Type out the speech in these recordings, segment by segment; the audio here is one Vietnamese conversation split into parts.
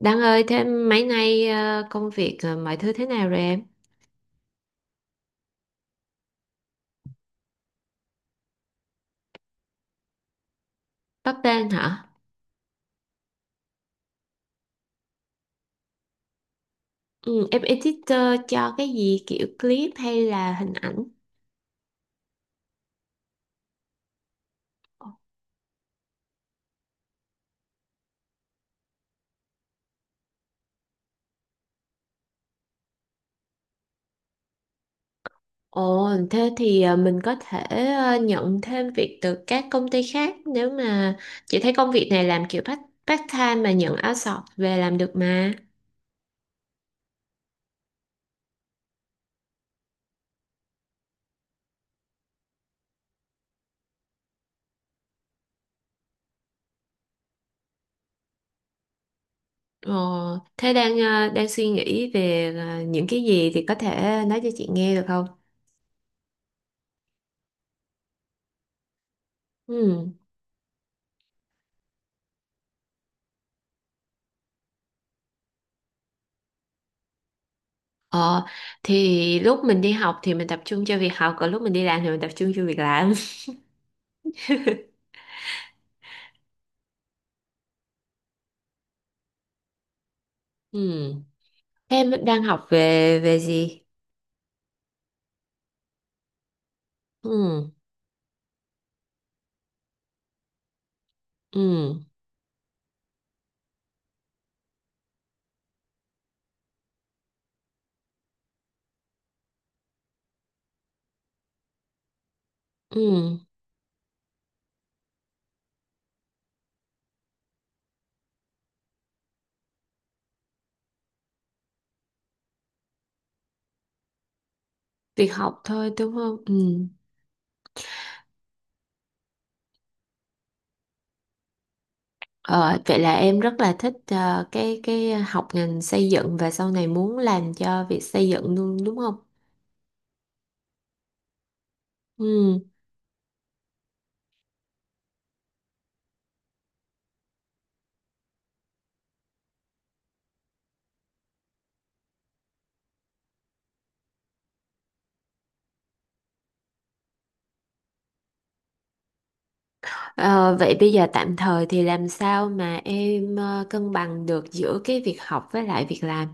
Đăng ơi, thế mấy nay công việc mọi thứ thế nào rồi em? Bắp bênh hả? Ừ, em editor cho cái gì kiểu clip hay là hình ảnh? Ồ, thế thì mình có thể nhận thêm việc từ các công ty khác nếu mà chị thấy công việc này làm kiểu part time mà nhận outsource về làm được mà. Ồ, thế đang đang suy nghĩ về những cái gì thì có thể nói cho chị nghe được không? Ừ. Ờ, thì lúc mình đi học thì mình tập trung cho việc học, còn lúc mình đi làm thì mình tập trung cho việc làm. Ừ. Em đang học về về gì? Ừ, ừ, ừ. Việc học thôi đúng không? Ừ. Ờ, vậy là em rất là thích cái học ngành xây dựng và sau này muốn làm cho việc xây dựng luôn đúng không? Ừ. Ờ, vậy bây giờ tạm thời thì làm sao mà em cân bằng được giữa cái việc học với lại việc làm?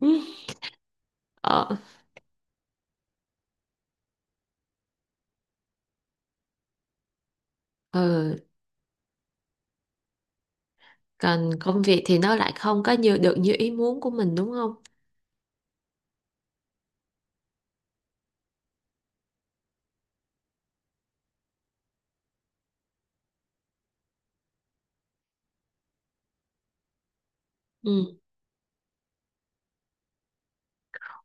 Ừ. Ờ. Ừ. Còn công việc thì nó lại không có như được như ý muốn của mình đúng không. Ừ.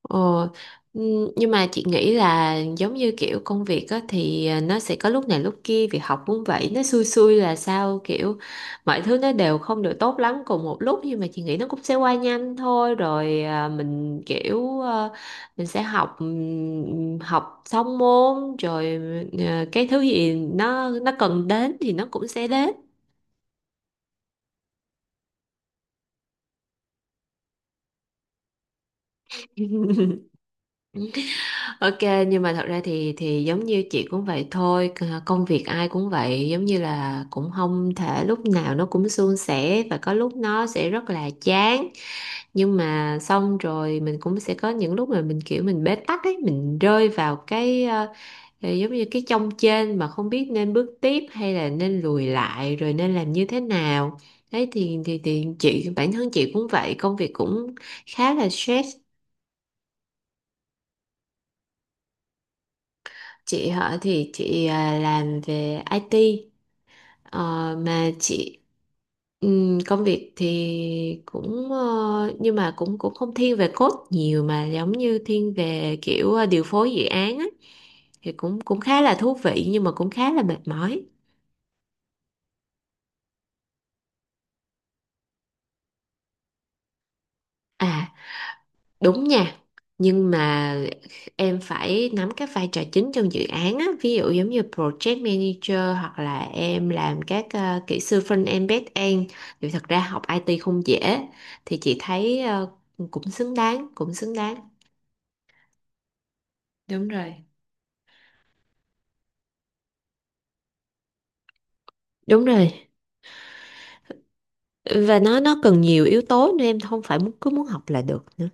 ờ ừ, nhưng mà chị nghĩ là giống như kiểu công việc á thì nó sẽ có lúc này lúc kia, việc học cũng vậy, nó xui xui là sao kiểu mọi thứ nó đều không được tốt lắm cùng một lúc, nhưng mà chị nghĩ nó cũng sẽ qua nhanh thôi rồi mình kiểu mình sẽ học học xong môn rồi, cái thứ gì nó cần đến thì nó cũng sẽ đến. Ok, nhưng mà thật ra thì giống như chị cũng vậy thôi, công việc ai cũng vậy, giống như là cũng không thể lúc nào nó cũng suôn sẻ và có lúc nó sẽ rất là chán, nhưng mà xong rồi mình cũng sẽ có những lúc mà mình kiểu mình bế tắc ấy, mình rơi vào cái giống như cái chông chênh mà không biết nên bước tiếp hay là nên lùi lại rồi nên làm như thế nào. Đấy thì chị bản thân chị cũng vậy, công việc cũng khá là stress. Chị hả thì chị làm về IT. Ờ, mà chị công việc thì cũng nhưng mà cũng cũng không thiên về code nhiều mà giống như thiên về kiểu điều phối dự án á thì cũng cũng khá là thú vị nhưng mà cũng khá là mệt mỏi. À, đúng nha, nhưng mà em phải nắm các vai trò chính trong dự án á, ví dụ giống như project manager hoặc là em làm các kỹ sư front-end back-end thì thật ra học IT không dễ, thì chị thấy cũng xứng đáng, cũng xứng đáng. Đúng rồi. Đúng rồi. Và nó cần nhiều yếu tố nên em không phải muốn cứ muốn học là được nữa.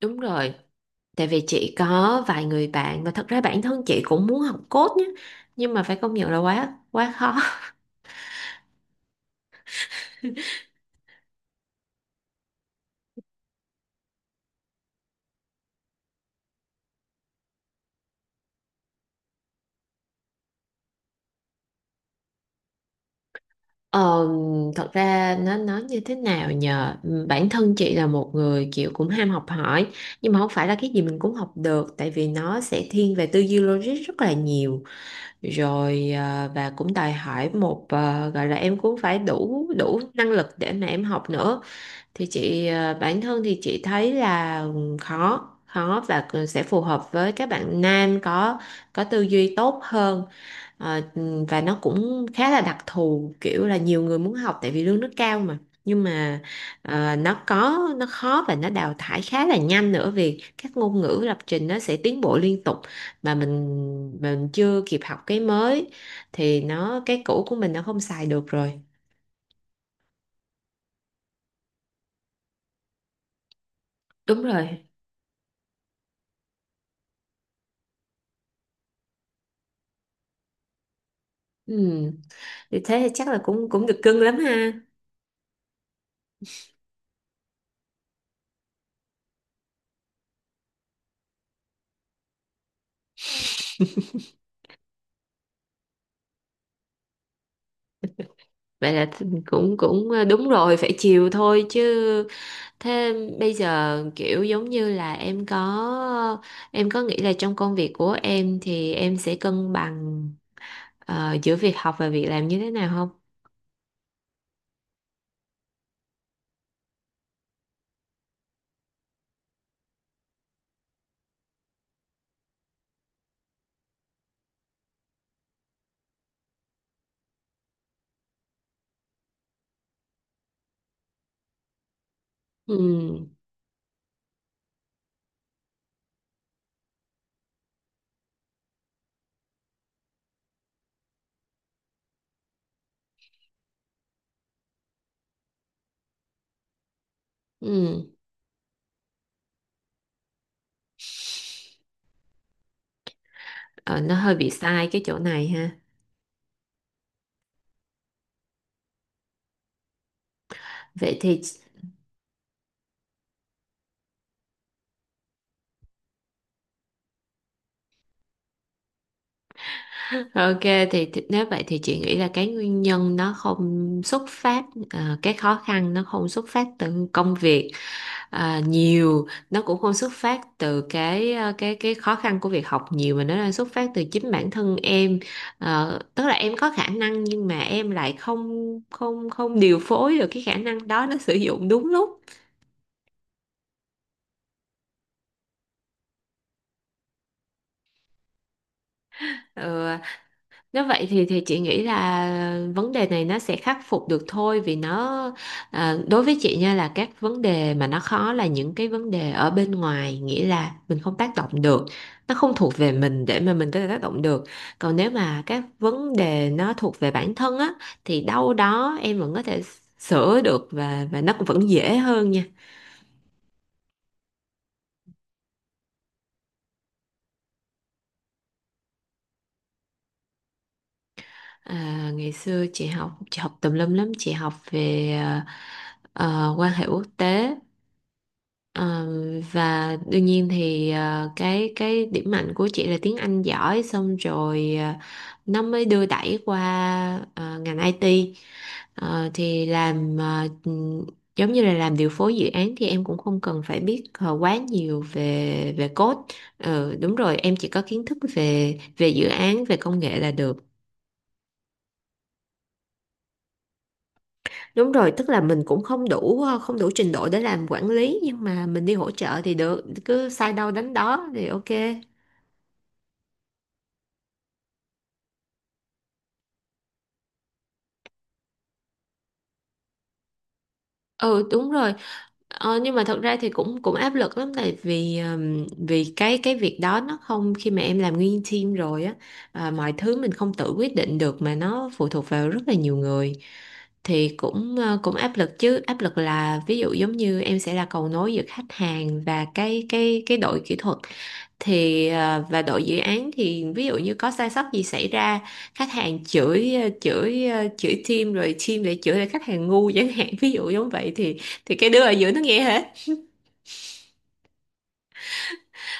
Đúng rồi. Tại vì chị có vài người bạn và thật ra bản thân chị cũng muốn học code nhé, nhưng mà phải công nhận là quá quá khó. Ờ, thật ra nó nói như thế nào nhờ. Ừ, bản thân chị là một người kiểu cũng ham học hỏi, nhưng mà không phải là cái gì mình cũng học được tại vì nó sẽ thiên về tư duy logic rất là nhiều, rồi và cũng đòi hỏi một gọi là em cũng phải đủ đủ năng lực để mà em học nữa. Thì chị bản thân thì chị thấy là khó khó và sẽ phù hợp với các bạn nam có tư duy tốt hơn. Ờ, và nó cũng khá là đặc thù kiểu là nhiều người muốn học tại vì lương nó cao mà, nhưng mà nó có nó khó và nó đào thải khá là nhanh nữa vì các ngôn ngữ lập trình nó sẽ tiến bộ liên tục, mà mình chưa kịp học cái mới thì nó cái cũ của mình nó không xài được rồi. Đúng rồi. Ừ. Thì thế thì chắc là cũng cũng được cưng lắm ha. Vậy là cũng cũng đúng rồi, phải chiều thôi chứ. Thế bây giờ kiểu giống như là em có nghĩ là trong công việc của em thì em sẽ cân bằng giữa việc học và việc làm như thế nào không? Ừ. Ừ. Ờ, nó hơi bị sai cái chỗ này ha. Vậy thì ok, thì nếu vậy thì chị nghĩ là cái nguyên nhân nó không xuất phát cái khó khăn nó không xuất phát từ công việc. À, nhiều nó cũng không xuất phát từ cái cái khó khăn của việc học nhiều mà nó đang xuất phát từ chính bản thân em. Ờ, tức là em có khả năng nhưng mà em lại không không không điều phối được cái khả năng đó nó sử dụng đúng lúc. Ừ, nếu vậy thì chị nghĩ là vấn đề này nó sẽ khắc phục được thôi vì nó đối với chị nha là các vấn đề mà nó khó là những cái vấn đề ở bên ngoài, nghĩa là mình không tác động được, nó không thuộc về mình để mà mình có thể tác động được. Còn nếu mà các vấn đề nó thuộc về bản thân á thì đâu đó em vẫn có thể sửa được và nó cũng vẫn dễ hơn nha. À, ngày xưa chị học, chị học tùm lum lắm, chị học về quan hệ quốc tế. Ờ, và đương nhiên thì cái điểm mạnh của chị là tiếng Anh giỏi, xong rồi nó mới đưa đẩy qua ngành IT. Ờ, thì làm giống như là làm điều phối dự án thì em cũng không cần phải biết quá nhiều về về code. Ờ, đúng rồi, em chỉ có kiến thức về về dự án, về công nghệ là được. Đúng rồi, tức là mình cũng không đủ không đủ trình độ để làm quản lý nhưng mà mình đi hỗ trợ thì được, cứ sai đâu đánh đó thì ok. Ừ đúng rồi. Nhưng mà thật ra thì cũng cũng áp lực lắm tại vì vì cái việc đó nó không, khi mà em làm nguyên team rồi á, mọi thứ mình không tự quyết định được mà nó phụ thuộc vào rất là nhiều người. Thì cũng cũng áp lực chứ, áp lực là ví dụ giống như em sẽ là cầu nối giữa khách hàng và cái đội kỹ thuật thì và đội dự án, thì ví dụ như có sai sót gì xảy ra, khách hàng chửi chửi team rồi team lại chửi lại khách hàng ngu chẳng hạn, ví dụ giống vậy, thì cái đứa ở giữa nó nghe hết.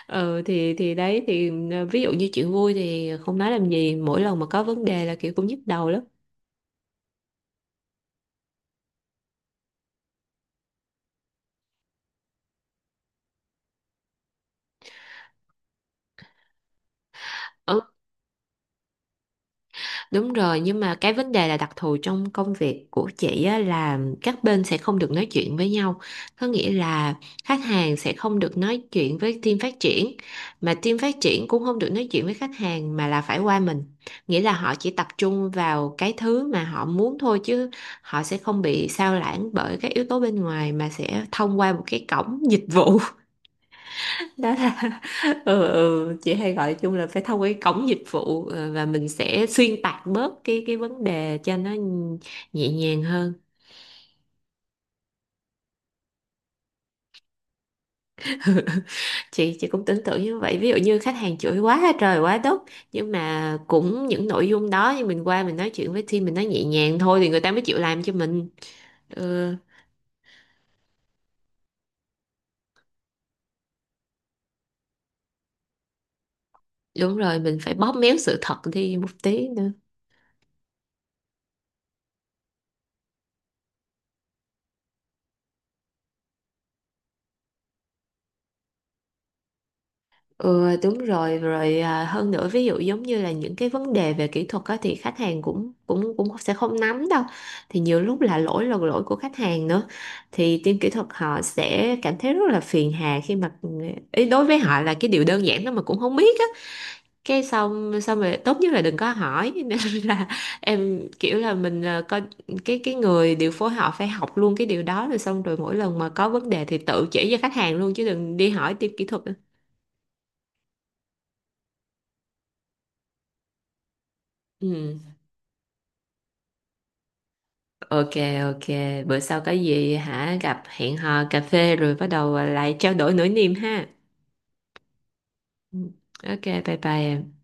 Ừ thì đấy thì ví dụ như chuyện vui thì không nói làm gì, mỗi lần mà có vấn đề là kiểu cũng nhức đầu lắm. Ờ, đúng rồi, nhưng mà cái vấn đề là đặc thù trong công việc của chị á, là các bên sẽ không được nói chuyện với nhau. Có nghĩa là khách hàng sẽ không được nói chuyện với team phát triển, mà team phát triển cũng không được nói chuyện với khách hàng mà là phải qua mình. Nghĩa là họ chỉ tập trung vào cái thứ mà họ muốn thôi chứ họ sẽ không bị sao lãng bởi các yếu tố bên ngoài mà sẽ thông qua một cái cổng dịch vụ, đó là chị hay gọi chung là phải thông qua cái cổng dịch vụ và mình sẽ xuyên tạc bớt cái vấn đề cho nó nhẹ nhàng hơn. Chị cũng tưởng tượng như vậy, ví dụ như khách hàng chửi quá trời quá đất nhưng mà cũng những nội dung đó như mình qua mình nói chuyện với team, mình nói nhẹ nhàng thôi thì người ta mới chịu làm cho mình. Ừ, đúng rồi, mình phải bóp méo sự thật đi một tí. Ừ đúng rồi rồi, hơn nữa ví dụ giống như là những cái vấn đề về kỹ thuật á, thì khách hàng cũng cũng cũng sẽ không nắm đâu, thì nhiều lúc là lỗi của khách hàng nữa, thì team kỹ thuật họ sẽ cảm thấy rất là phiền hà khi mà ý đối với họ là cái điều đơn giản đó mà cũng không biết á, cái xong xong rồi tốt nhất là đừng có hỏi nên là em kiểu là mình coi cái người điều phối họ phải học luôn cái điều đó rồi xong rồi mỗi lần mà có vấn đề thì tự chỉ cho khách hàng luôn chứ đừng đi hỏi team kỹ thuật nữa. Ừ. Ok, ok, bữa sau có gì hả gặp hẹn hò cà phê rồi bắt đầu lại trao đổi nỗi niềm ha. Ừ. Ok, bye bye em.